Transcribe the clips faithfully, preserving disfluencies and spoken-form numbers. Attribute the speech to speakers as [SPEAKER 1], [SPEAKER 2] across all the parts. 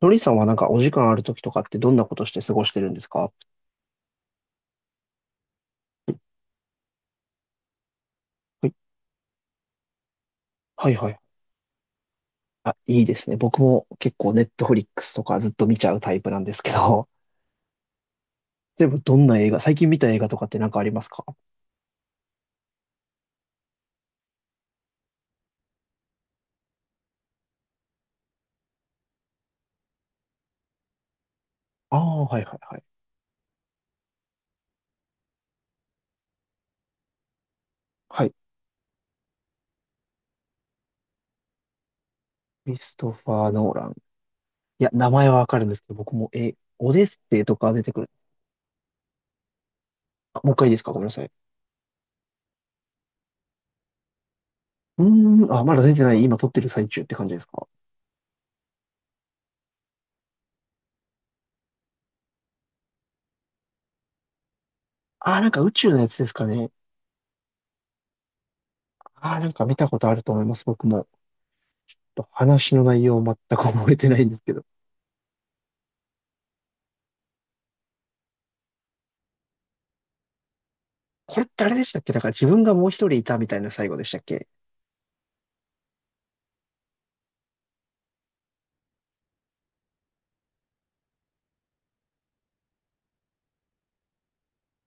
[SPEAKER 1] のりさんはなんかお時間ある時とかってどんなことして過ごしてるんですか？はいはいはい。あ、いいですね。僕も結構ネットフリックスとかずっと見ちゃうタイプなんですけど、例えばどんな映画、最近見た映画とかってなんかありますか？ああー、はいはいはい。はい。クリストファー・ノーラン。いや、名前はわかるんですけど、僕も、え、オデッセイとか出てくる。あ、もう一回いいですかごめんなさい。うーん、あ、まだ出てない。今撮ってる最中って感じですか？あー、なんか宇宙のやつですかね。あー、なんか見たことあると思います、僕も。話の内容全く覚えてないんですけど。これってあれでしたっけ、だから自分がもう一人いたみたいな最後でしたっけ？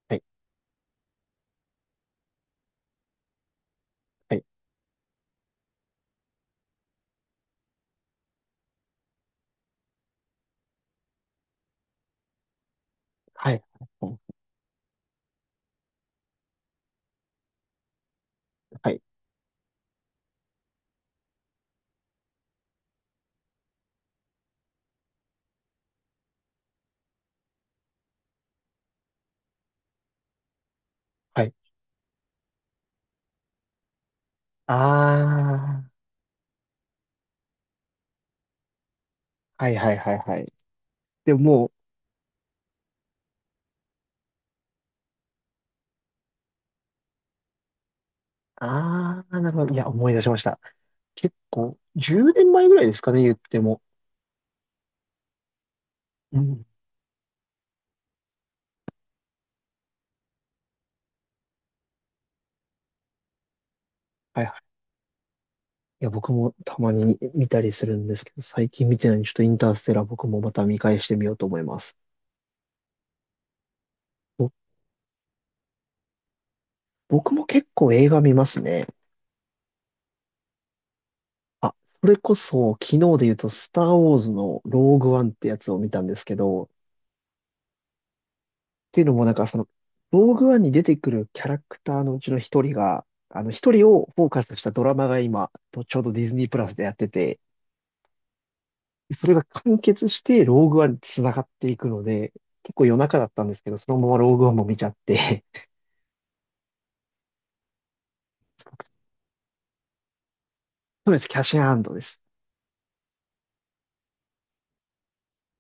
[SPEAKER 1] はい、はい、はい、はい、はい。ああ、はい、はい、はい、はい。でももう、ああ、なるほど。いや、思い出しました。結構、じゅうねんまえぐらいですかね、言っても。うん。はい、はい。いや、僕もたまに見たりするんですけど、最近見てないのに、ちょっとインターステラー僕もまた見返してみようと思います。ぼ僕も結構映画見ますね。あ、それこそ、昨日で言うと、スター・ウォーズのローグワンってやつを見たんですけど、ていうのも、なんかその、ローグワンに出てくるキャラクターのうちの一人が、あの、一人をフォーカスしたドラマが今、とちょうどディズニープラスでやってて、それが完結してローグワンに繋がっていくので、結構夜中だったんですけど、そのままローグワンも見ちゃって、そうです、キャッシュアンドです。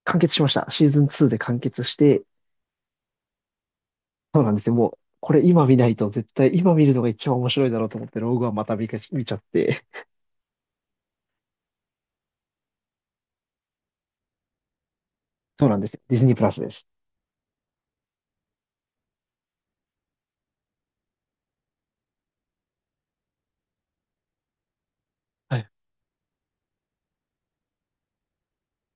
[SPEAKER 1] 完結しました。シーズンにで完結して、そうなんですよ。もう、これ今見ないと絶対今見るのが一番面白いだろうと思って、ローグワンまた見か見ちゃって、そうなんですよ。ディズニープラスです。はい、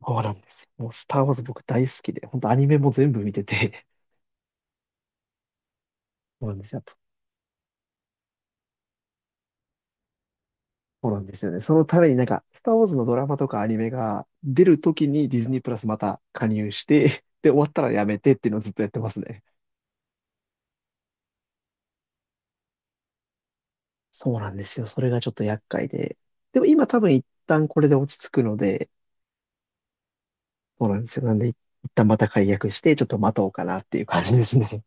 [SPEAKER 1] そうなんですよ。もうスター・ウォーズ僕大好きで、本当アニメも全部見てて、そうなんですよ。あと、そうなんですよね。そのためになんか、スター・ウォーズのドラマとかアニメが出るときにディズニープラスまた加入して、で、終わったらやめてっていうのをずっとやってますね。そうなんですよ。それがちょっと厄介で。でも今多分一旦これで落ち着くので、そうなんですよ。なんで一旦また解約して、ちょっと待とうかなっていう感じですね。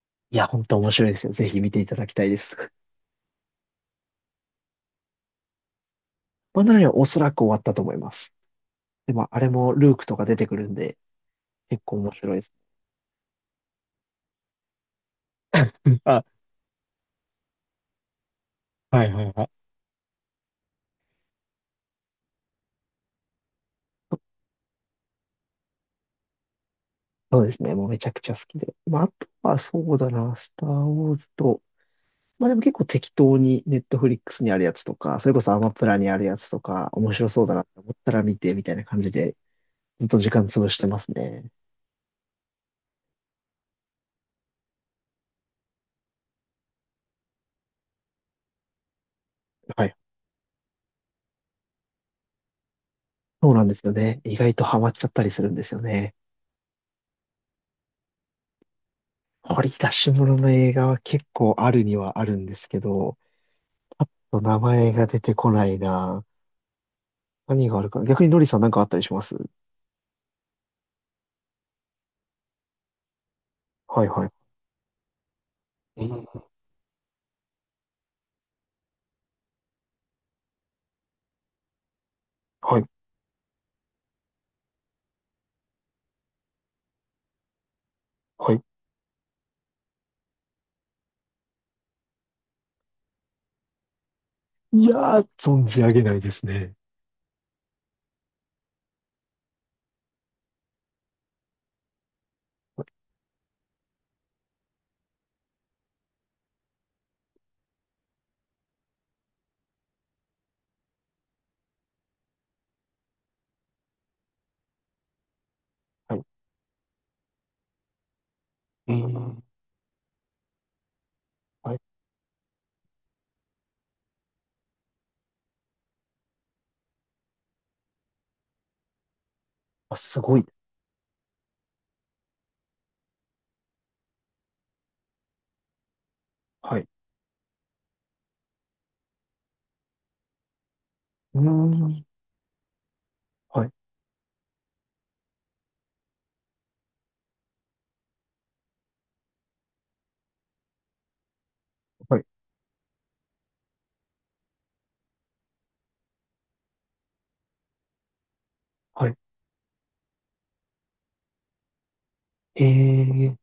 [SPEAKER 1] いや、本当面白いですよ。ぜひ見ていただきたいです。まあ、なのにおそらく終わったと思います。でも、あれもルークとか出てくるんで、結構面白いです。うん、あ、はいはいはい。そうですね。もうめちゃくちゃ好きで。まあ、あとはそうだな、スター・ウォーズと、まあでも結構適当にネットフリックスにあるやつとか、それこそアマプラにあるやつとか、面白そうだなって思ったら見てみたいな感じで、ずっと時間潰してますね。はい。そうなんですよね。意外とハマっちゃったりするんですよね。掘り出し物の映画は結構あるにはあるんですけど、名前が出てこないな。何があるかな。逆にノリさんなんかあったりします？はいはい。えーはい、はい。いやー、存じ上げないですね。はい。えー、はい。あ、すごい。はい。うーん。はい。はい。はい。えー、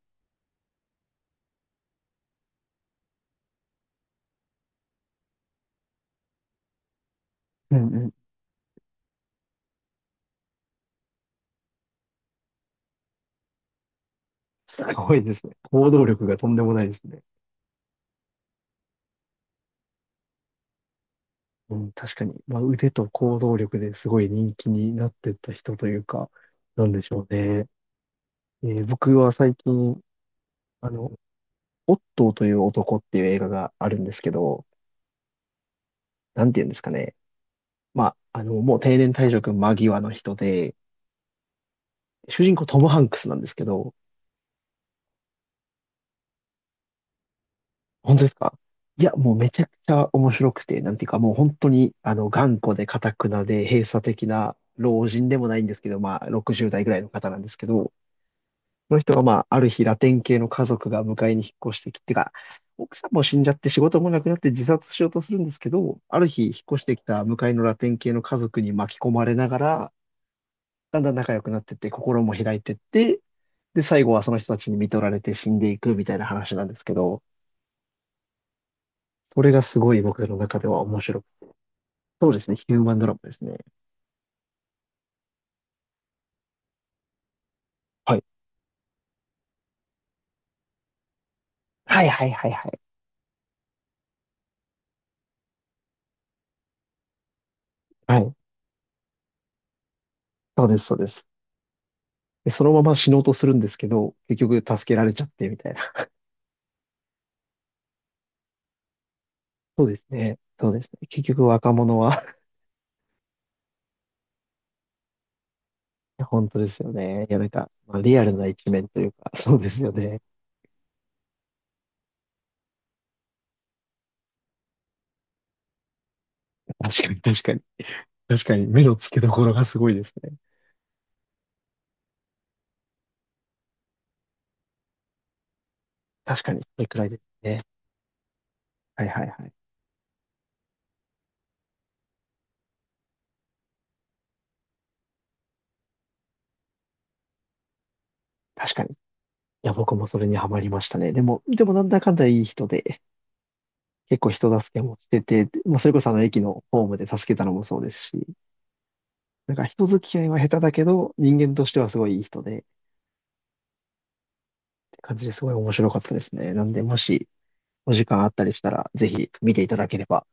[SPEAKER 1] うんうん。すごいですね。行動力がとんでもないですね。うん、確かに。まあ、腕と行動力ですごい人気になってった人というか、なんでしょうね。えー僕は最近、あの、オットーという男っていう映画があるんですけど、なんて言うんですかね。まあ、あの、もう定年退職間際の人で、主人公トム・ハンクスなんですけど、本当ですか？いや、もうめちゃくちゃ面白くて、なんていうかもう本当に、あの、頑固で頑くなで閉鎖的な老人でもないんですけど、まあ、ろくじゅう代ぐらいの方なんですけど、その人がまあ、ある日ラテン系の家族が迎えに引っ越してきてか、奥さんも死んじゃって仕事もなくなって自殺しようとするんですけど、ある日引っ越してきた向かいのラテン系の家族に巻き込まれながら、だんだん仲良くなってって、心も開いてって、で、最後はその人たちに見取られて死んでいくみたいな話なんですけど、それがすごい僕の中では面白く、そうですね、ヒューマンドラマですね。はい。はいはいはいはい。はい。そうです、そうです。で、そのまま死のうとするんですけど、結局助けられちゃってみたいな。そうですね。そうですね。結局若者は、 いや本当ですよね。いや、なんか、まあ、リアルな一面というか、そうですよね。確かに、確かに。確かに、目の付けどころがすごいですね。確かに、それくらいですね。はいはいはい。確かに。いや、僕もそれにはまりましたね。でも、でもなんだかんだいい人で、結構人助けもしてて、まあ、それこそあの駅のホームで助けたのもそうですし、なんか人付き合いは下手だけど、人間としてはすごいいい人で、って感じですごい面白かったですね。なんで、もしお時間あったりしたら、ぜひ見ていただければ